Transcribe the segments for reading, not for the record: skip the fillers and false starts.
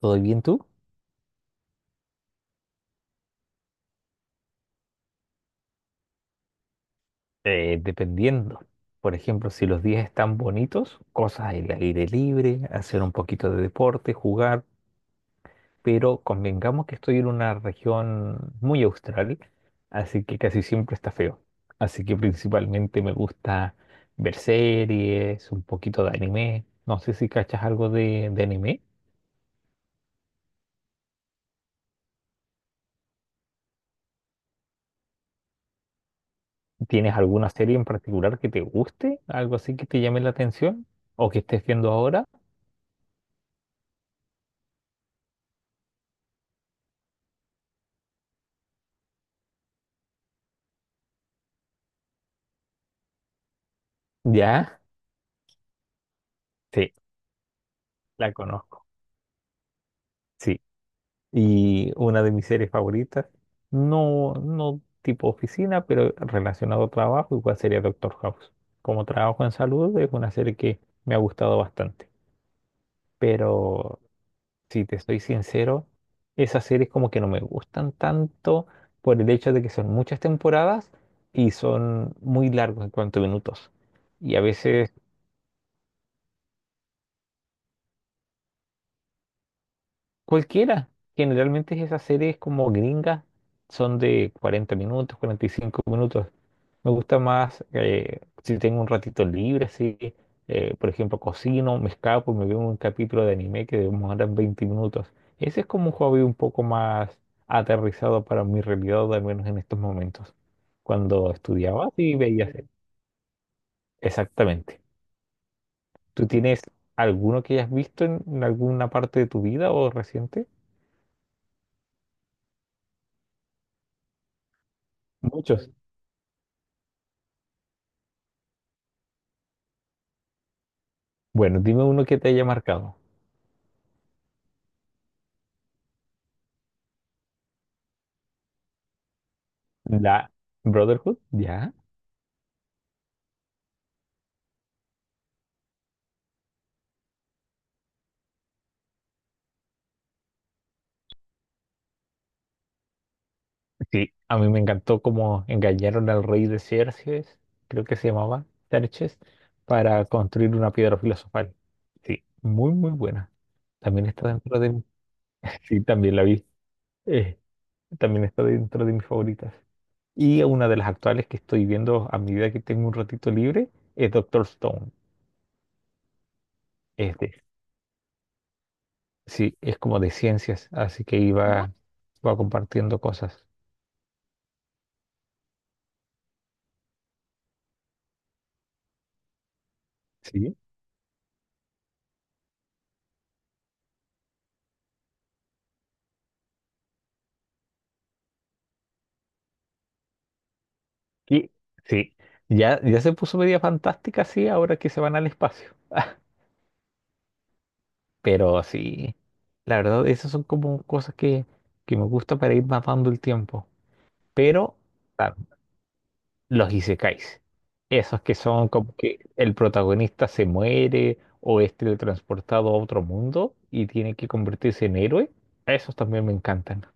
¿Todo bien tú? Dependiendo. Por ejemplo, si los días están bonitos, cosas al aire libre, hacer un poquito de deporte, jugar, pero convengamos que estoy en una región muy austral, así que casi siempre está feo. Así que principalmente me gusta ver series, un poquito de anime. No sé si cachas algo de anime. ¿Tienes alguna serie en particular que te guste? ¿Algo así que te llame la atención? ¿O que estés viendo ahora? Ya, sí, la conozco. Sí, y una de mis series favoritas, no tipo oficina, pero relacionado a trabajo, igual sería Doctor House. Como trabajo en salud, es una serie que me ha gustado bastante. Pero si te estoy sincero, esas series como que no me gustan tanto por el hecho de que son muchas temporadas y son muy largos en cuanto a minutos. Y a veces cualquiera. Generalmente esas series como gringas son de 40 minutos, 45 minutos. Me gusta más si tengo un ratito libre, así, por ejemplo, cocino, me escapo y me veo un capítulo de anime que demora 20 minutos. Ese es como un hobby un poco más aterrizado para mi realidad, al menos en estos momentos. Cuando estudiaba, sí veía series. Exactamente. ¿Tú tienes alguno que hayas visto en alguna parte de tu vida o reciente? Muchos. Bueno, dime uno que te haya marcado. La Brotherhood, ya. Sí, a mí me encantó cómo engañaron al rey de Xerxes, creo que se llamaba Xerxes, para construir una piedra filosofal. Sí, muy, muy buena. También está dentro de... Sí, también la vi. Eh, también está dentro de mis favoritas. Y una de las actuales que estoy viendo a medida que tengo un ratito libre es Doctor Stone. Este, sí, es como de ciencias, así que iba, iba compartiendo cosas. Sí. Y sí, ya, ya se puso media fantástica, sí, ahora que se van al espacio. Pero sí, la verdad, esas son como cosas que me gusta para ir matando el tiempo. Pero, claro, los isekais, esos que son como que el protagonista se muere o es teletransportado a otro mundo y tiene que convertirse en héroe, esos también me encantan.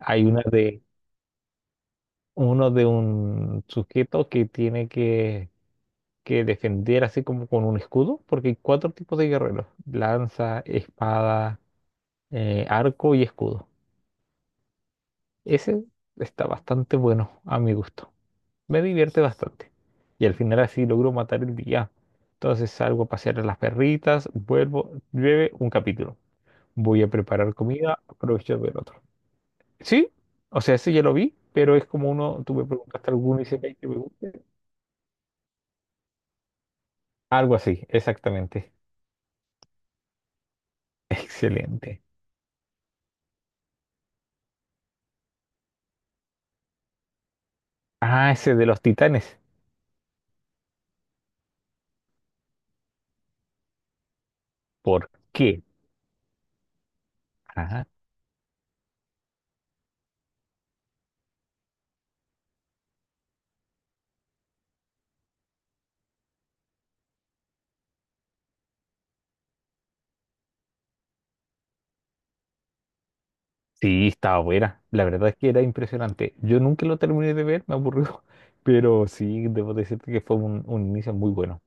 Hay una de, uno de un sujeto que tiene que defender así como con un escudo, porque hay cuatro tipos de guerreros, lanza, espada, arco y escudo. Ese está bastante bueno a mi gusto. Me divierte bastante. Y al final así logro matar el día. Entonces salgo a pasear a las perritas, vuelvo, llueve un capítulo. Voy a preparar comida, aprovecho de ver otro. Sí, o sea, ese ya lo vi, pero es como uno, tú me preguntaste alguno y dice que me guste. Algo así, exactamente. Excelente. Ah, ese de los titanes. ¿Por qué? Ajá. Sí, estaba buena. La verdad es que era impresionante. Yo nunca lo terminé de ver, me aburrió. Pero sí, debo decirte que fue un inicio muy bueno.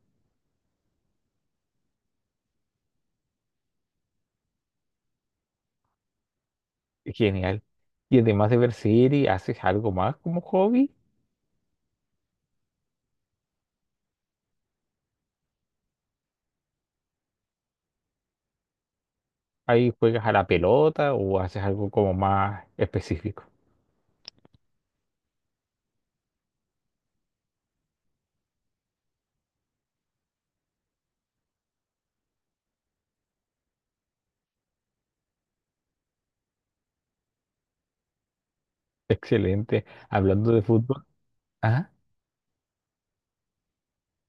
Genial. Y además de ver series, ¿haces algo más como hobby? ¿Ahí juegas a la pelota o haces algo como más específico? Excelente. Hablando de fútbol. Ajá.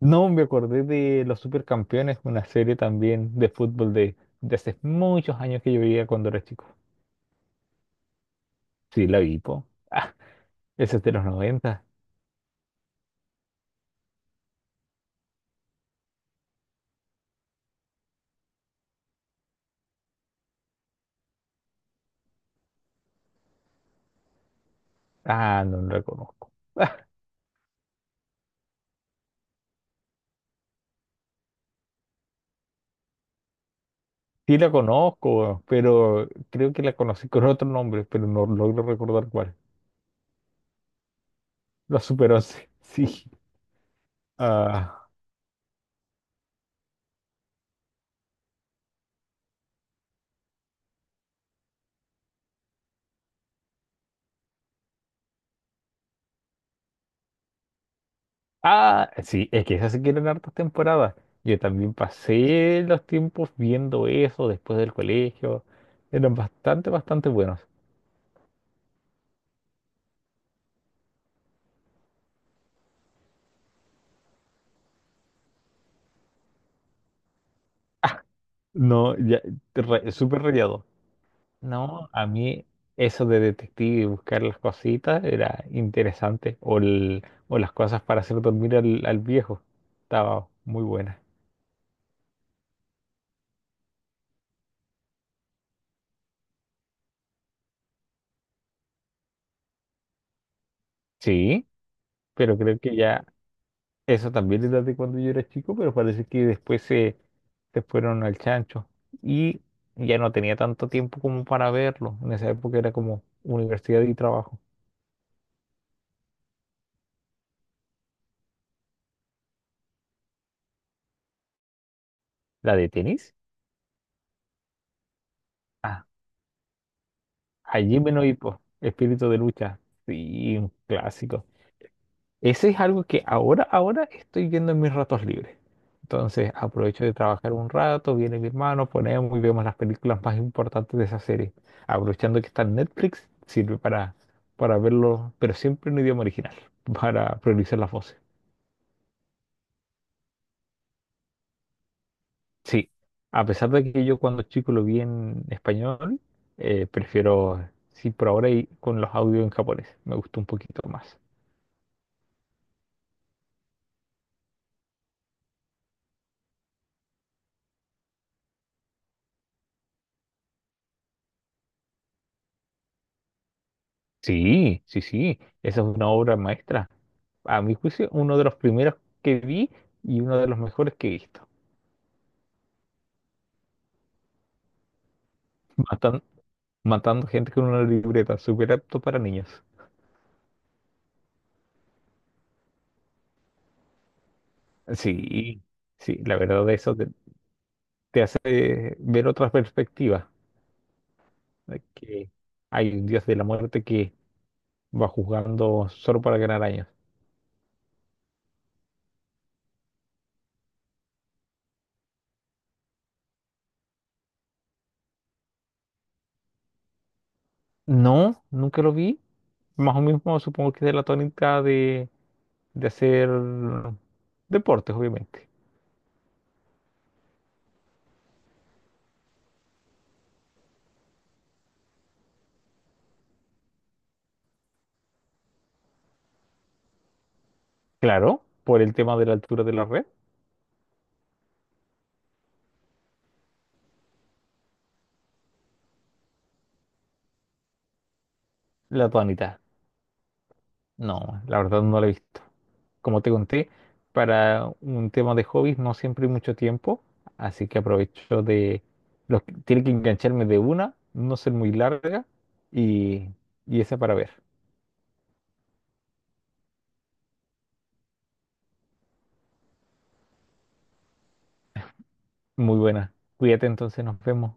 No, me acordé de Los Supercampeones, una serie también de fútbol de hace muchos años que yo veía cuando era chico. Sí, la vi, po. Ah, esa es de los 90. Ah, no la conozco. Sí la conozco, pero creo que la conocí con otro nombre, pero no logro recordar cuál. La Super 11, sí. Ah, ah, sí, es que esas se quieren hartas temporadas. Yo también pasé los tiempos viendo eso después del colegio. Eran bastante, bastante buenos. No, ya, re- súper rayado. No, a mí eso de detective y buscar las cositas era interesante. O, el- o las cosas para hacer dormir al, al viejo. Estaba muy buena. Sí, pero creo que ya eso también era de cuando yo era chico, pero parece que después se fueron al chancho. Y ya no tenía tanto tiempo como para verlo. En esa época era como universidad y trabajo. ¿La de tenis? Ah, Hajime no Ippo, Espíritu de lucha. Sí, un clásico. Ese es algo que ahora estoy viendo en mis ratos libres. Entonces aprovecho de trabajar un rato, viene mi hermano, ponemos y vemos las películas más importantes de esa serie. Aprovechando que está en Netflix, sirve para verlo, pero siempre en idioma original, para priorizar las voces. Sí, a pesar de que yo cuando chico lo vi en español, prefiero, sí, por ahora y con los audios en japonés, me gustó un poquito más. Sí, sí, sí, esa es una obra maestra. A mi juicio, uno de los primeros que vi y uno de los mejores que he visto. Matan- matando gente con una libreta, súper apto para niños. Sí, sí, la verdad eso te hace ver otra perspectiva, de que hay un dios de la muerte que va juzgando solo para ganar años. No, nunca lo vi. Más o menos supongo que es de la tónica de hacer deportes, obviamente. Claro, por el tema de la altura de la red, la tónica. No, la verdad no la he visto. Como te conté, para un tema de hobbies no siempre hay mucho tiempo, así que aprovecho de... Los, tiene que engancharme de una, no ser muy larga y, y esa para ver. Muy buena. Cuídate entonces, nos vemos.